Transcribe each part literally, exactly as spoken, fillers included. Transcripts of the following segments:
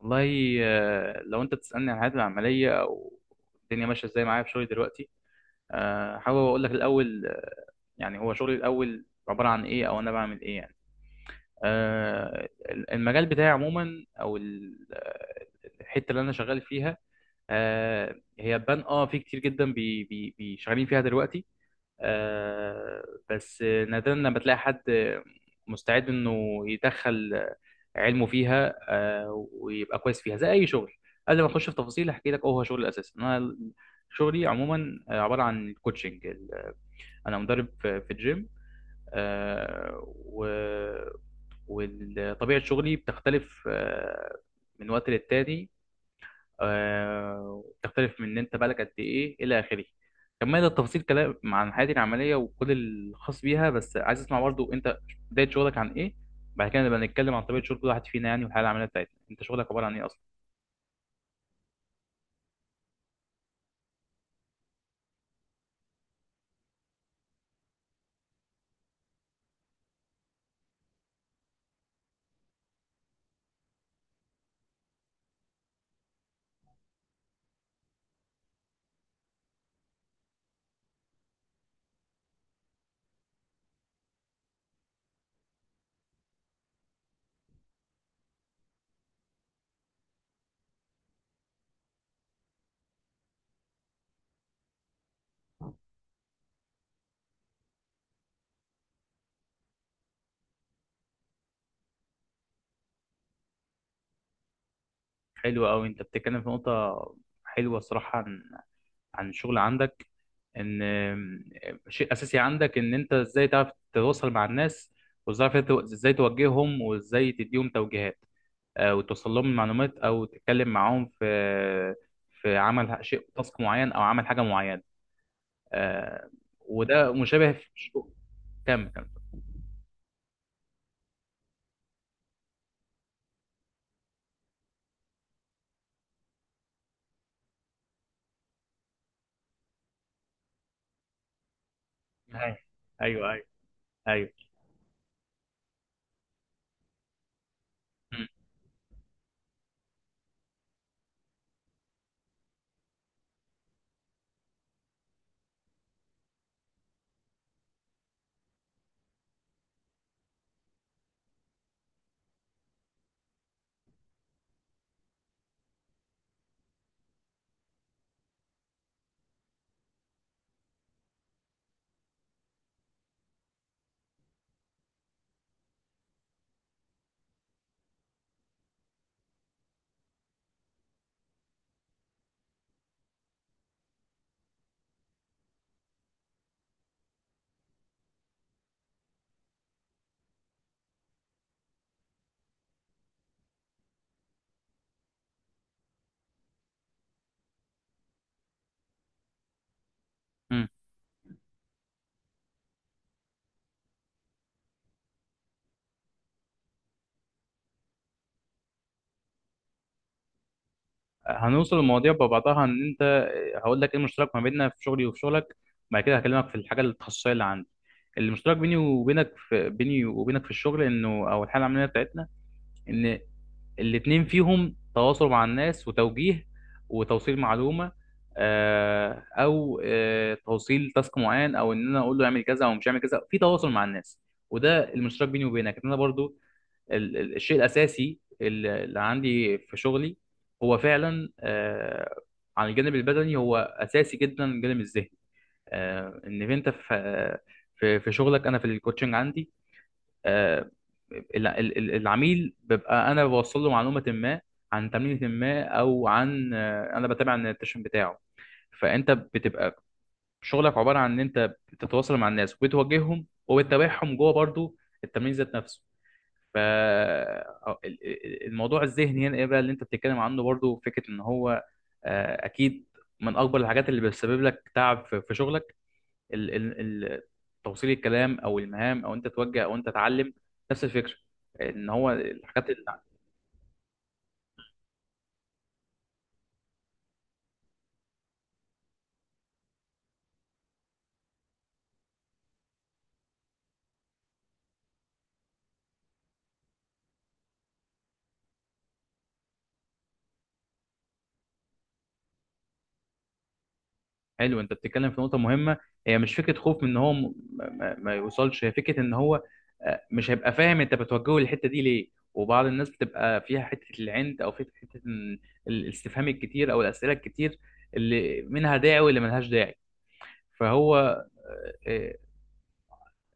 والله آه، لو انت بتسألني عن حياتي العملية او الدنيا ماشية ازاي معايا في شغلي دلوقتي. آه، حابب اقول لك الاول. آه، يعني هو شغلي الاول عبارة عن ايه او انا بعمل ايه يعني. آه، المجال بتاعي عموما، او ال- آه، الحتة اللي انا شغال فيها. آه، هي بان اه في كتير جدا بي بي بي شغالين فيها دلوقتي. آه، بس نادرا لما تلاقي حد مستعد انه يدخل علمه فيها آه، ويبقى كويس فيها زي اي شغل. قبل ما اخش في تفاصيل هحكي لك اه هو شغل الاساس. انا شغلي عموما عباره عن الكوتشنج ال- انا مدرب في في الجيم. آه، و- وطبيعه شغلي بتختلف آه، من وقت للتاني. آه، تختلف من ان انت بقالك قد ايه الى اخره. كمل التفاصيل كلام عن حياتي العمليه وكل الخاص بيها، بس عايز اسمع برضو انت بدايه شغلك عن ايه. بعد كده نبقى نتكلم عن طبيعه شغل كل واحد فينا يعني، والحياه العمليه بتاعتنا. انت شغلك عباره عن ايه اصلا؟ حلو قوي، انت بتتكلم في نقطه حلوه الصراحه عن عن الشغل عندك. ان آه، شيء اساسي عندك ان انت ازاي تعرف تتواصل مع الناس، وازاي تعرف ازاي توجههم، وازاي تديهم توجيهات آه، وتوصل لهم المعلومات، او تتكلم معاهم في في عمل شيء تاسك معين او عمل حاجه معينه. آه، وده مشابه في شو- كم كم ايوه، ايوه، ايوه، ايوه. مم. مم. هنوصل للمواضيع ببعضها ان انت، آه، هقول لك ايه المشترك ما بيننا في شغلي وفي شغلك. بعد كده هكلمك في الحاجه التخصصيه اللي عندي. المشترك بيني وبينك في بيني وبينك في الشغل، انه او الحاله العمليه بتاعتنا، ان الاتنين فيهم تواصل مع الناس وتوجيه وتوصيل معلومة، آه، أو آه، توصيل تاسك معين، أو إن أنا أقول له يعمل كذا أو مش يعمل كذا. في تواصل مع الناس، وده المشترك بيني وبينك. إن أنا برضو ال- ال- الشيء الأساسي اللي اللي عندي في شغلي هو فعلا، آه، عن الجانب البدني، هو أساسي جدا الجانب الذهني. آه، إن أنت في في في شغلك، أنا في الكوتشنج عندي آه، ال- ال- ال- العميل ببقى انا بوصل له معلومه ما عن تمرينه ما، او عن آه، انا بتابع النوتيشن بتاعه. فانت بتبقى شغلك عباره عن ان انت بتتواصل مع الناس وبتوجههم وبتتابعهم جوه برضو التمرين ذات نفسه. ف أو- ال- ال- الموضوع الذهني هنا ايه بقى اللي انت بتتكلم عنه؟ برضو فكره ان هو آه، اكيد من اكبر الحاجات اللي بتسبب لك تعب في في شغلك، ال ال ال توصيل الكلام او المهام، او انت توجه او انت تعلم. نفس الفكره، ان هو الحاجات اللي... حلو، انت بتتكلم في نقطه مهمه. هي مش فكره خوف من ان هو م- ما, ما يوصلش، هي فكره ان هو آه، مش هيبقى فاهم انت بتوجهه للحته دي ليه. وبعض الناس بتبقى فيها حته العند، او فيها حته إن ال- الاستفهام الكتير او الاسئله الكتير، اللي منها داعي واللي ملهاش داعي. فهو آه،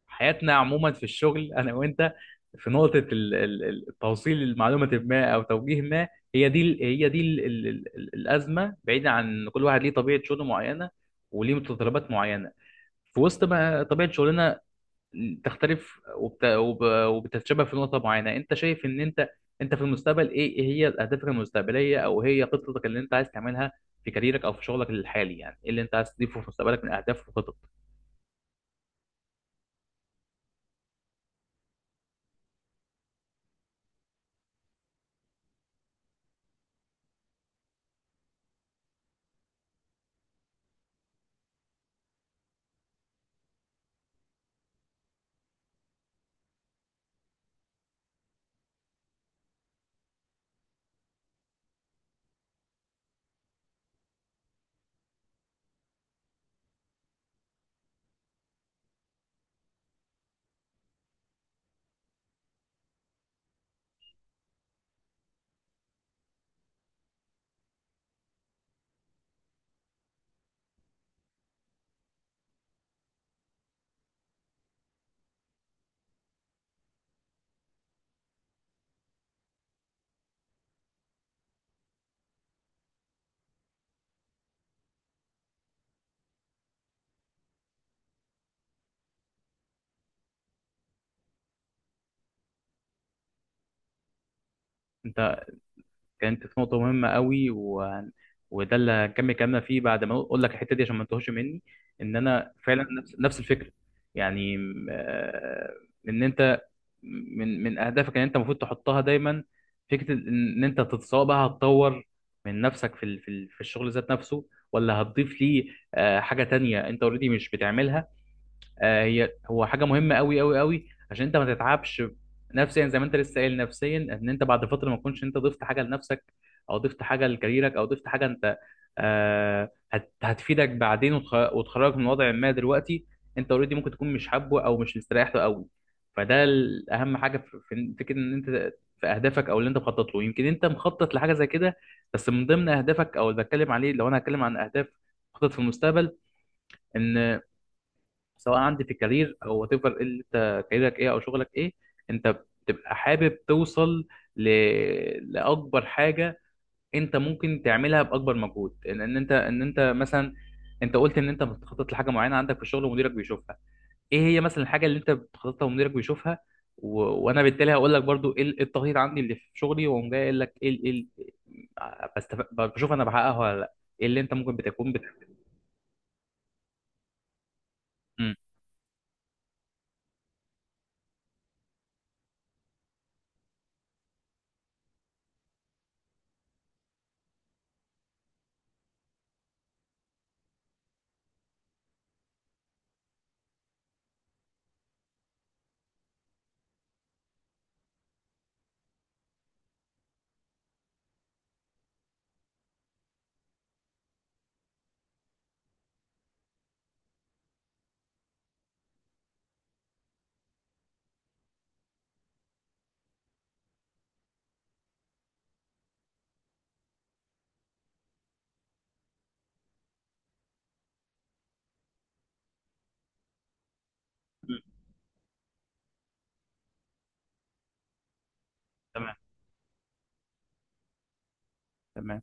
حياتنا عموما في الشغل انا وانت، في نقطه ال- ال- ال- توصيل المعلومه ما او توجيه ما، هي دي ال- هي دي ال- ال- ال- ال- الازمه، بعيدا عن إن كل واحد ليه طبيعه شغل معينه وليه متطلبات معينه. في وسط ما طبيعه شغلنا تختلف وبت- وب- وبتتشابه في نقطه معينه، انت شايف ان انت انت في المستقبل ايه إيه هي اهدافك المستقبليه، او هي خطتك اللي انت عايز تعملها في كاريرك او في شغلك الحالي؟ يعني ايه اللي انت عايز تضيفه في مستقبلك من اهداف وخطط؟ انت، كانت في نقطة مهمة قوي و... وده اللي هنكمل كلامنا فيه بعد ما اقول لك الحتة دي عشان ما تتوهش مني. ان انا فعلا نفس نفس الفكرة يعني. م- آه، ان انت، من من اهدافك ان انت المفروض تحطها دايما فكرة ان انت تت- سواء بقى هتطور من نفسك في ال- في ال- في الشغل ذات نفسه، ولا هتضيف ليه آه، حاجة تانية انت اوريدي مش بتعملها. آه، هي هو حاجه مهمه قوي قوي قوي عشان انت ما تتعبش نفسيا، زي ما انت لسه قايل نفسيا، ان انت بعد فتره ما تكونش انت ضفت حاجه لنفسك، او ضفت حاجه لكاريرك، او ضفت حاجه انت آه، هت- هتفيدك بعدين وتخ- وتخرجك من وضع ما دلوقتي، انت اوريدي ممكن تكون مش حابه او مش مستريح له قوي. فده ال- اهم حاجه في في فكره ان انت في اهدافك او اللي انت مخطط له. يمكن انت مخطط لحاجه زي كده، بس من ضمن اهدافك او اللي بتكلم عليه. لو انا هتكلم عن اهداف مخطط في المستقبل، ان سواء عندي في الكارير او وات ايفر، انت كاريرك ايه او شغلك ايه، انت بتبقى حابب توصل ل... لاكبر حاجه انت ممكن تعملها باكبر مجهود. ان ان انت ان انت مثلا، انت قلت ان انت بتخطط لحاجه معينه عندك في الشغل ومديرك بيشوفها. ايه هي مثلا الحاجه اللي انت بتخططها ومديرك بيشوفها؟ و... وانا بالتالي هقول لك برضو ايه ال- إيه التخطيط عندي اللي في شغلي، واقوم جاي قايل لك ايه ال... ايه ال... بستف... بشوف انا بحققها ولا لا. ايه اللي انت ممكن بتكون بت... مم. مم. تمام، تمام.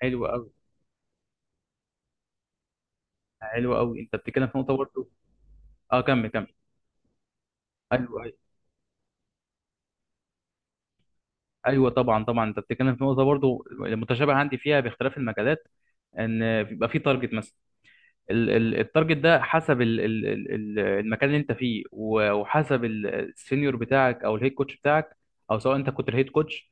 حلو قوي. حلو قوي، انت بتتكلم في نقطه برضو. اه، كمل، كمل. ايوه، ايوه. ايوه طبعا، طبعا، انت بتتكلم في نقطه برضو المتشابه عندي فيها باختلاف المجالات، ان بيبقى في تارجت مثلا. ال- ال- التارجت ده حسب ال- ال- ال- ال- المكان اللي انت فيه، و- وحسب ال- السينيور بتاعك او الهيد كوتش بتاعك، او سواء انت كنت الهيد كوتش.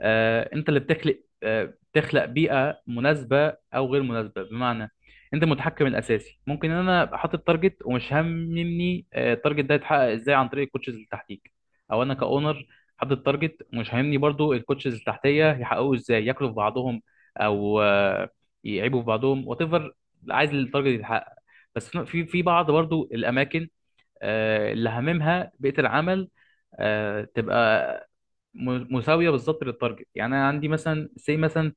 آه، انت اللي بتخلق آه، بتخلق بيئه مناسبه او غير مناسبه، بمعنى انت المتحكم الاساسي. ممكن ان انا ابقى حاطط تارجت ومش هاممني آه، التارجت ده يتحقق ازاي عن طريق الكوتشز اللي تحتيك، او انا كاونر حاطط تارجت ومش هاممني برضو الكوتشز اللي تحتيه يحققوه ازاي، ياكلوا في بعضهم او آه، يعيبوا في بعضهم وات ايفر، عايز التارجت يتحقق. بس في في في بعض برضو الاماكن آه، اللي هاممها بيئه العمل آه، تبقى م- مساويه بالظبط للتارجت. يعني انا عندي مثلا، سي مثلا،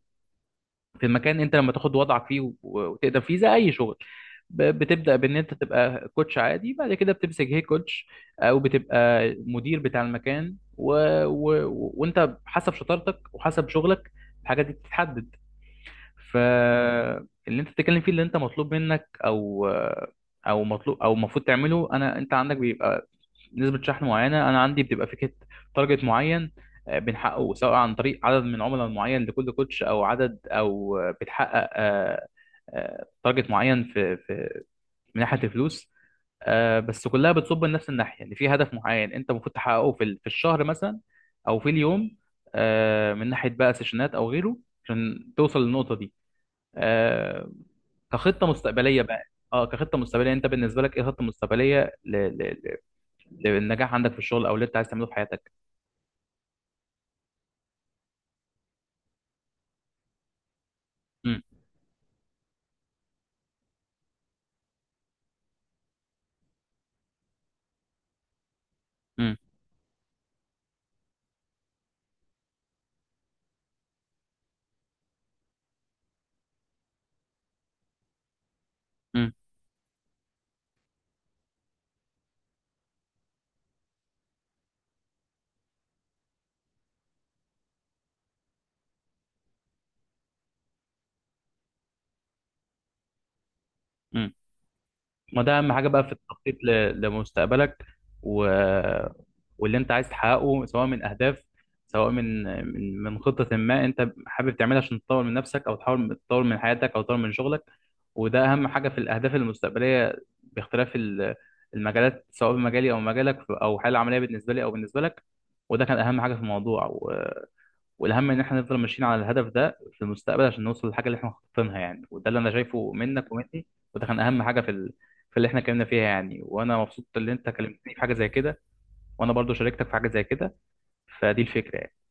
في المكان انت لما تاخد وضعك فيه و- وتقدر فيه زي اي شغل، ب- بتبدا بان انت تبقى كوتش عادي. بعد كده بتمسك هي كوتش، او بتبقى مدير بتاع المكان، و... و... و- وانت حسب شطارتك وحسب شغلك الحاجات دي بتتحدد. فاللي انت بتتكلم فيه، اللي انت مطلوب منك او آه، او مطلوب او المفروض تعمله، انا، انت عندك بيبقى نسبة شحن معينة، أنا عندي بتبقى فكرة تارجت معين آه، بنحققه سواء عن طريق عدد من عملاء معين لكل كوتش، أو عدد، أو آه، بتحقق آه، آه، تارجت معين، في في من ناحية الفلوس. آه، بس كلها بتصب لنفس الناحية، إن في هدف معين أنت المفروض تحققه في ال- في الشهر مثلا، أو في اليوم، آه، من ناحية بقى سيشنات أو غيره، عشان توصل للنقطة دي. آه، كخطة مستقبلية بقى، اه كخطة مستقبلية أنت بالنسبة لك إيه خطة مستقبلية للنجاح عندك في الشغل، او اللي انت عايز تعمله في حياتك؟ امم. امم. امم. امم. ما ده اهم حاجه بقى في التخطيط ل- لمستقبلك، و... واللي انت عايز تحققه، سواء من اهداف، سواء من من من خطه ما انت حابب تعملها عشان تطور من نفسك، او تحاول تطور من حياتك، او تطور من شغلك. وده اهم حاجه في الاهداف المستقبليه، باختلاف ال- المجالات، سواء في مجالي او مجالك، او الحاله العمليه بالنسبه لي او بالنسبه لك. وده كان اهم حاجه في الموضوع، والاهم ان احنا نفضل ماشيين على الهدف ده في المستقبل عشان نوصل للحاجه اللي احنا خاططينها يعني، وده اللي انا شايفه منك ومني. وده كان اهم حاجه في ال... في اللي احنا اتكلمنا فيها يعني. وانا مبسوط ان انت كلمتني في حاجه زي كده، وانا برضو شاركتك في حاجه زي كده. فدي الفكره يعني.